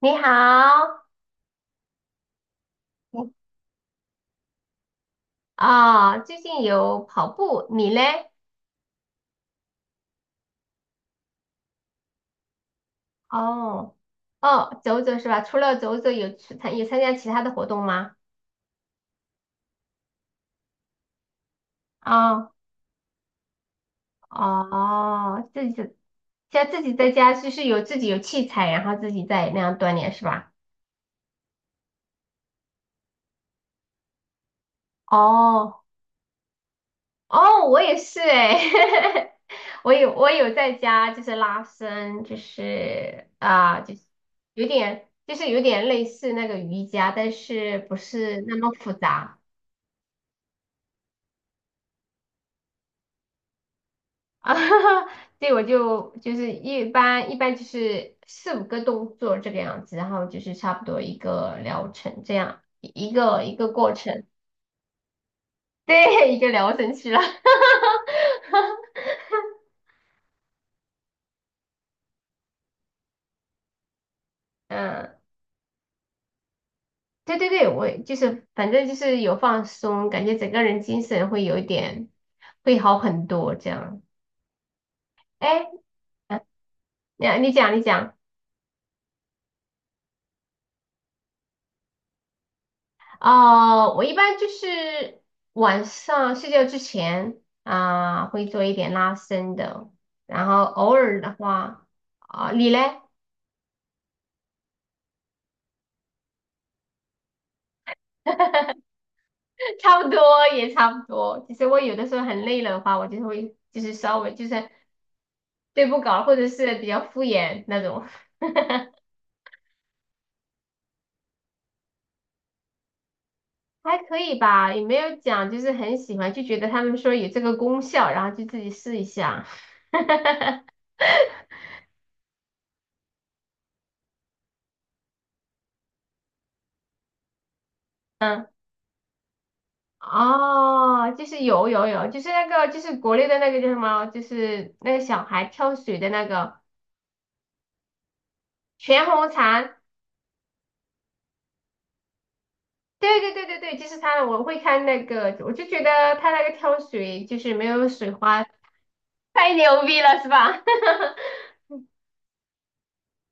你好。哦。啊，最近有跑步，你嘞？哦，哦，走走是吧？除了走走，有去参有参加其他的活动吗？哦，哦，自己在家就是自己有器材，然后自己在那样锻炼是吧？哦，哦，我也是哎。我有在家就是拉伸，有点类似那个瑜伽，但是不是那么复杂。啊，对，我就是一般就是四五个动作这个样子，然后就是差不多一个疗程这样，一个一个过程。对，一个疗程去了。嗯，对对对，我就是反正就是有放松，感觉整个人精神会有一点会好很多这样。哎，你讲你讲。哦，我一般就是晚上睡觉之前啊，会做一点拉伸的，然后偶尔的话，啊，你嘞？差不多也差不多。其实我有的时候很累了的话，我就会就是稍微就是对不搞，或者是比较敷衍那种。还可以吧，也没有讲就是很喜欢，就觉得他们说有这个功效，然后就自己试一下。哦，就是有，就是那个就是国内的那个叫什么，就是那个小孩跳水的那个全红婵，对对对对对，就是他，我会看那个，我就觉得他那个跳水就是没有水花，太牛逼了是吧？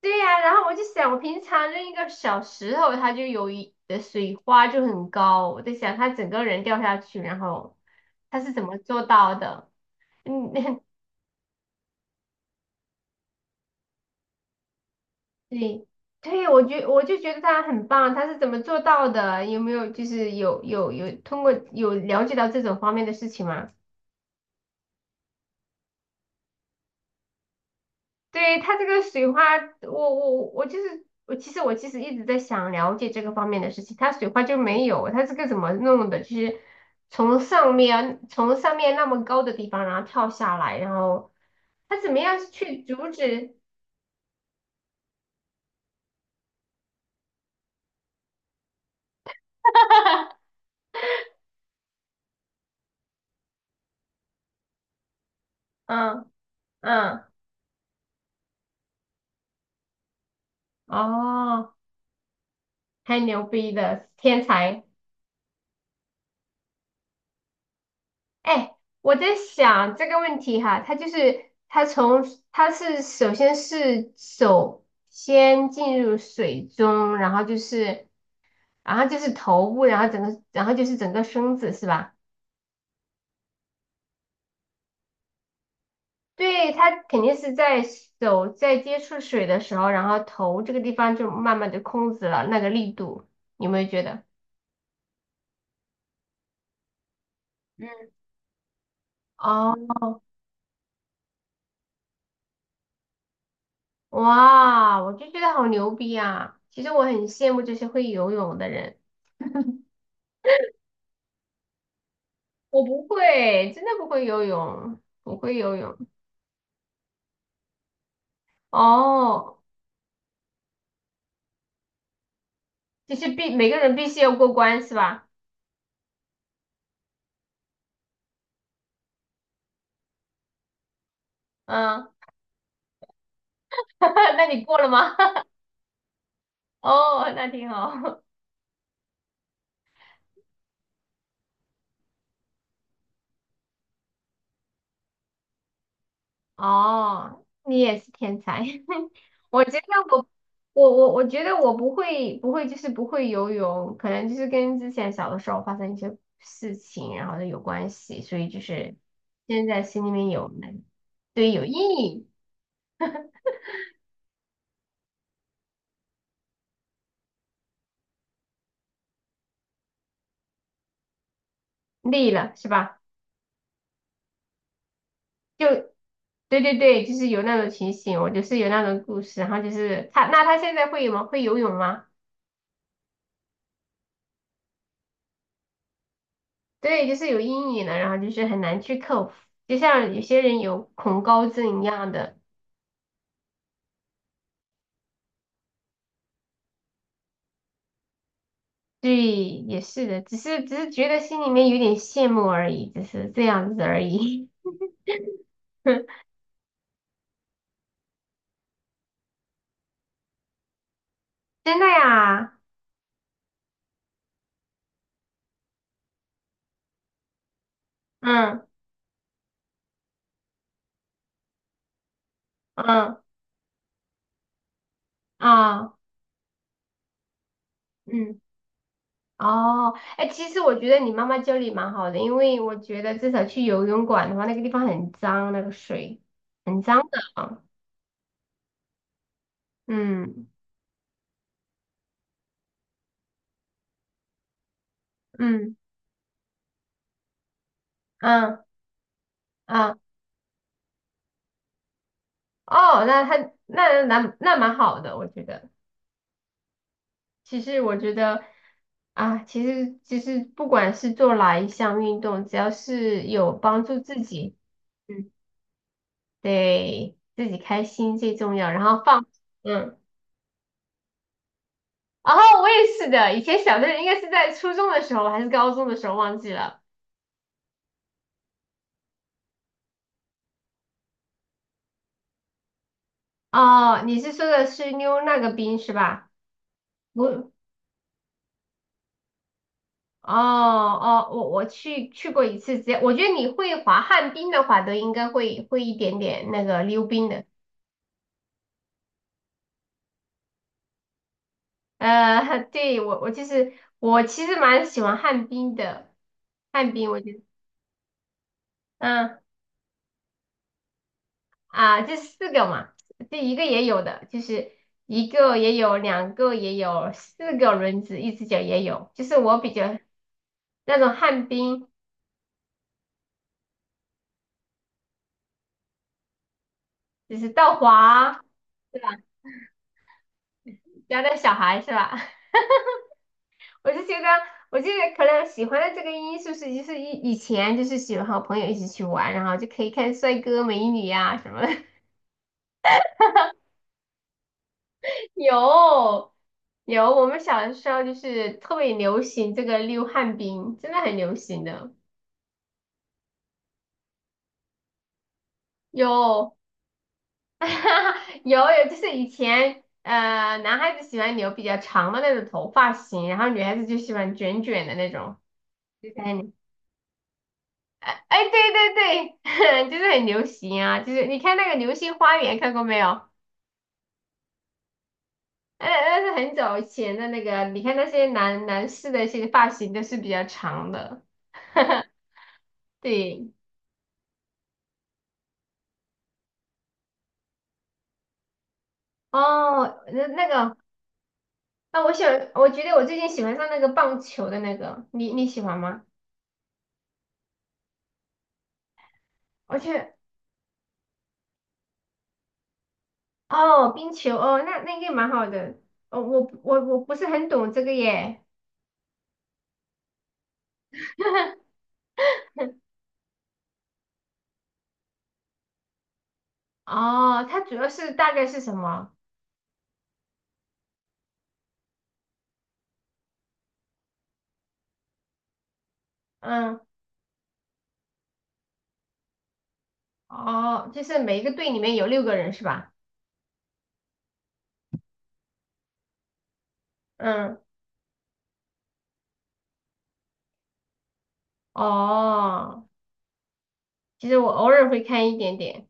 对呀。然后我就想，我平常扔一个小石头，它就有一的水花就很高，我在想他整个人掉下去，然后他是怎么做到的？嗯。对，对，我就觉得他很棒，他是怎么做到的？有没有就是有通过了解到这种方面的事情吗？对，他这个水花，我其实一直在想了解这个方面的事情，他水花就没有，他这个怎么弄的？就是从上面那么高的地方，然后跳下来，然后他怎么样去阻止？嗯。嗯，哦，太牛逼了，天才。哎，我在想这个问题哈，它就是它从它是首先是手先进入水中，然后就是头部，然后整个身子是吧？对，它肯定是在手在接触水的时候，然后头这个地方就慢慢的控制了那个力度，你有没有觉得？嗯，哦，哇，我就觉得好牛逼啊！其实我很羡慕这些会游泳的人。我不会，真的不会游泳，不会游泳。哦，就是每个人必须要过关是吧？嗯。那你过了吗？哦，那挺好。哦，你也是天才。我觉得我我觉得我不会游泳，可能就是跟之前小的时候发生一些事情，然后呢有关系，所以就是现在心里面有，对，有阴影。累了是吧？就对对对，就是有那种情形，我就是有那种故事，然后就是他，那他现在会吗？会游泳吗？对，就是有阴影了，然后就是很难去克服，就像有些人有恐高症一样的。对，也是的，只是觉得心里面有点羡慕而已，只是这样子而已。真的呀，嗯。嗯啊嗯。哦，哎，其实我觉得你妈妈教你蛮好的，因为我觉得至少去游泳馆的话，那个地方很脏，那个水很脏的啊。嗯。嗯。嗯。嗯，哦，那他那那那蛮好的，我觉得。其实我觉得啊，其实不管是做哪一项运动，只要是有帮助自己，嗯，对自己开心最重要，然后放。嗯。然后我也是的，以前小的应该是在初中的时候还是高中的时候忘记了。哦，你是说的是溜那个冰是吧？我哦哦，我去过一次，直接我觉得你会滑旱冰的话，都应该会会一点点那个溜冰的。对我其实蛮喜欢旱冰的，旱冰我觉得嗯。啊，这四个嘛，这一个也有的，就是一个也有，两个也有，四个轮子，一只脚也有。就是我比较那种旱冰，就是倒滑家的小孩是吧？我就觉得，我就得可能喜欢的这个因素是，就是以以前就是喜欢和朋友一起去玩，然后就可以看帅哥美女呀，什么的。有有，我们小的时候就是特别流行这个溜旱冰，真的很流行的。有，有有，就是以前男孩子喜欢留比较长的那种头发型，然后女孩子就喜欢卷卷的那种。就在你，哎哎，对对对，就是很流行啊，就是你看那个《流星花园》看过没有？那那是很早以前的那个，你看那些男男士的一些发型都是比较长的。对，哦，那那个，那我喜欢，我觉得我最近喜欢上那个棒球的那个，你你喜欢吗？而且。哦，冰球哦，那那个蛮好的。哦，我不是很懂这个耶。哦，它主要是大概是什么？嗯，哦，就是每一个队里面有六个人是吧？嗯，哦，其实我偶尔会看一点点。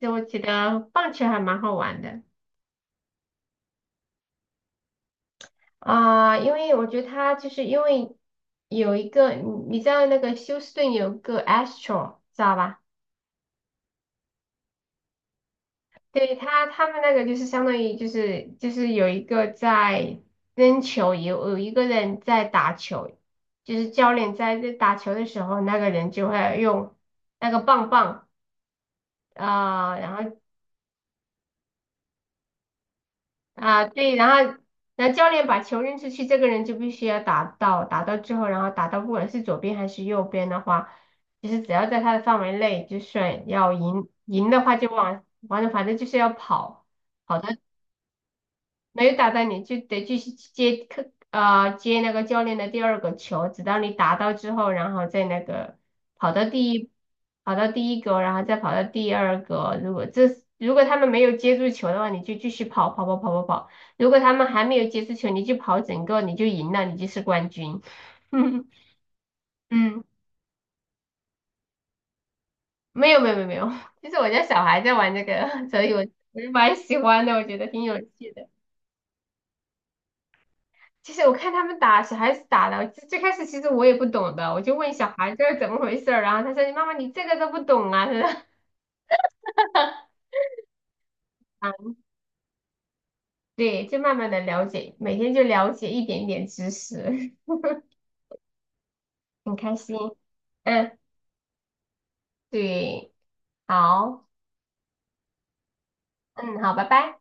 就我觉得棒球还蛮好玩的啊，因为我觉得它就是因为有一个，你知道那个休斯顿有个 Astro 知道吧？对他，他们那个就是相当于就是有一个在扔球，有一个人在打球，就是教练在打球的时候，那个人就会用那个棒棒啊，然后啊，对，然后然后教练把球扔出去，这个人就必须要打到，打到之后，然后打到不管是左边还是右边的话，就是只要在他的范围内就算要赢，赢的话就往反正就是要跑。跑没有打到你，就得继续接客，接那个教练的第二个球，直到你打到之后，然后再那个跑到第一，跑到第一个，然后再跑到第二个。如果他们没有接住球的话，你就继续跑跑跑跑跑跑。如果他们还没有接住球，你就跑整个，你就赢了，你就是冠军。嗯，没有没有没有没有，就是我家小孩在玩这个，所以我就蛮喜欢的，我觉得挺有趣的。其实我看他们打小孩子打的，最最开始其实我也不懂的，我就问小孩这是怎么回事儿，然后他说你妈妈你这个都不懂啊，他说 啊，对，就慢慢的了解，每天就了解一点点知识。很开心。嗯，对，好，嗯，好，拜拜。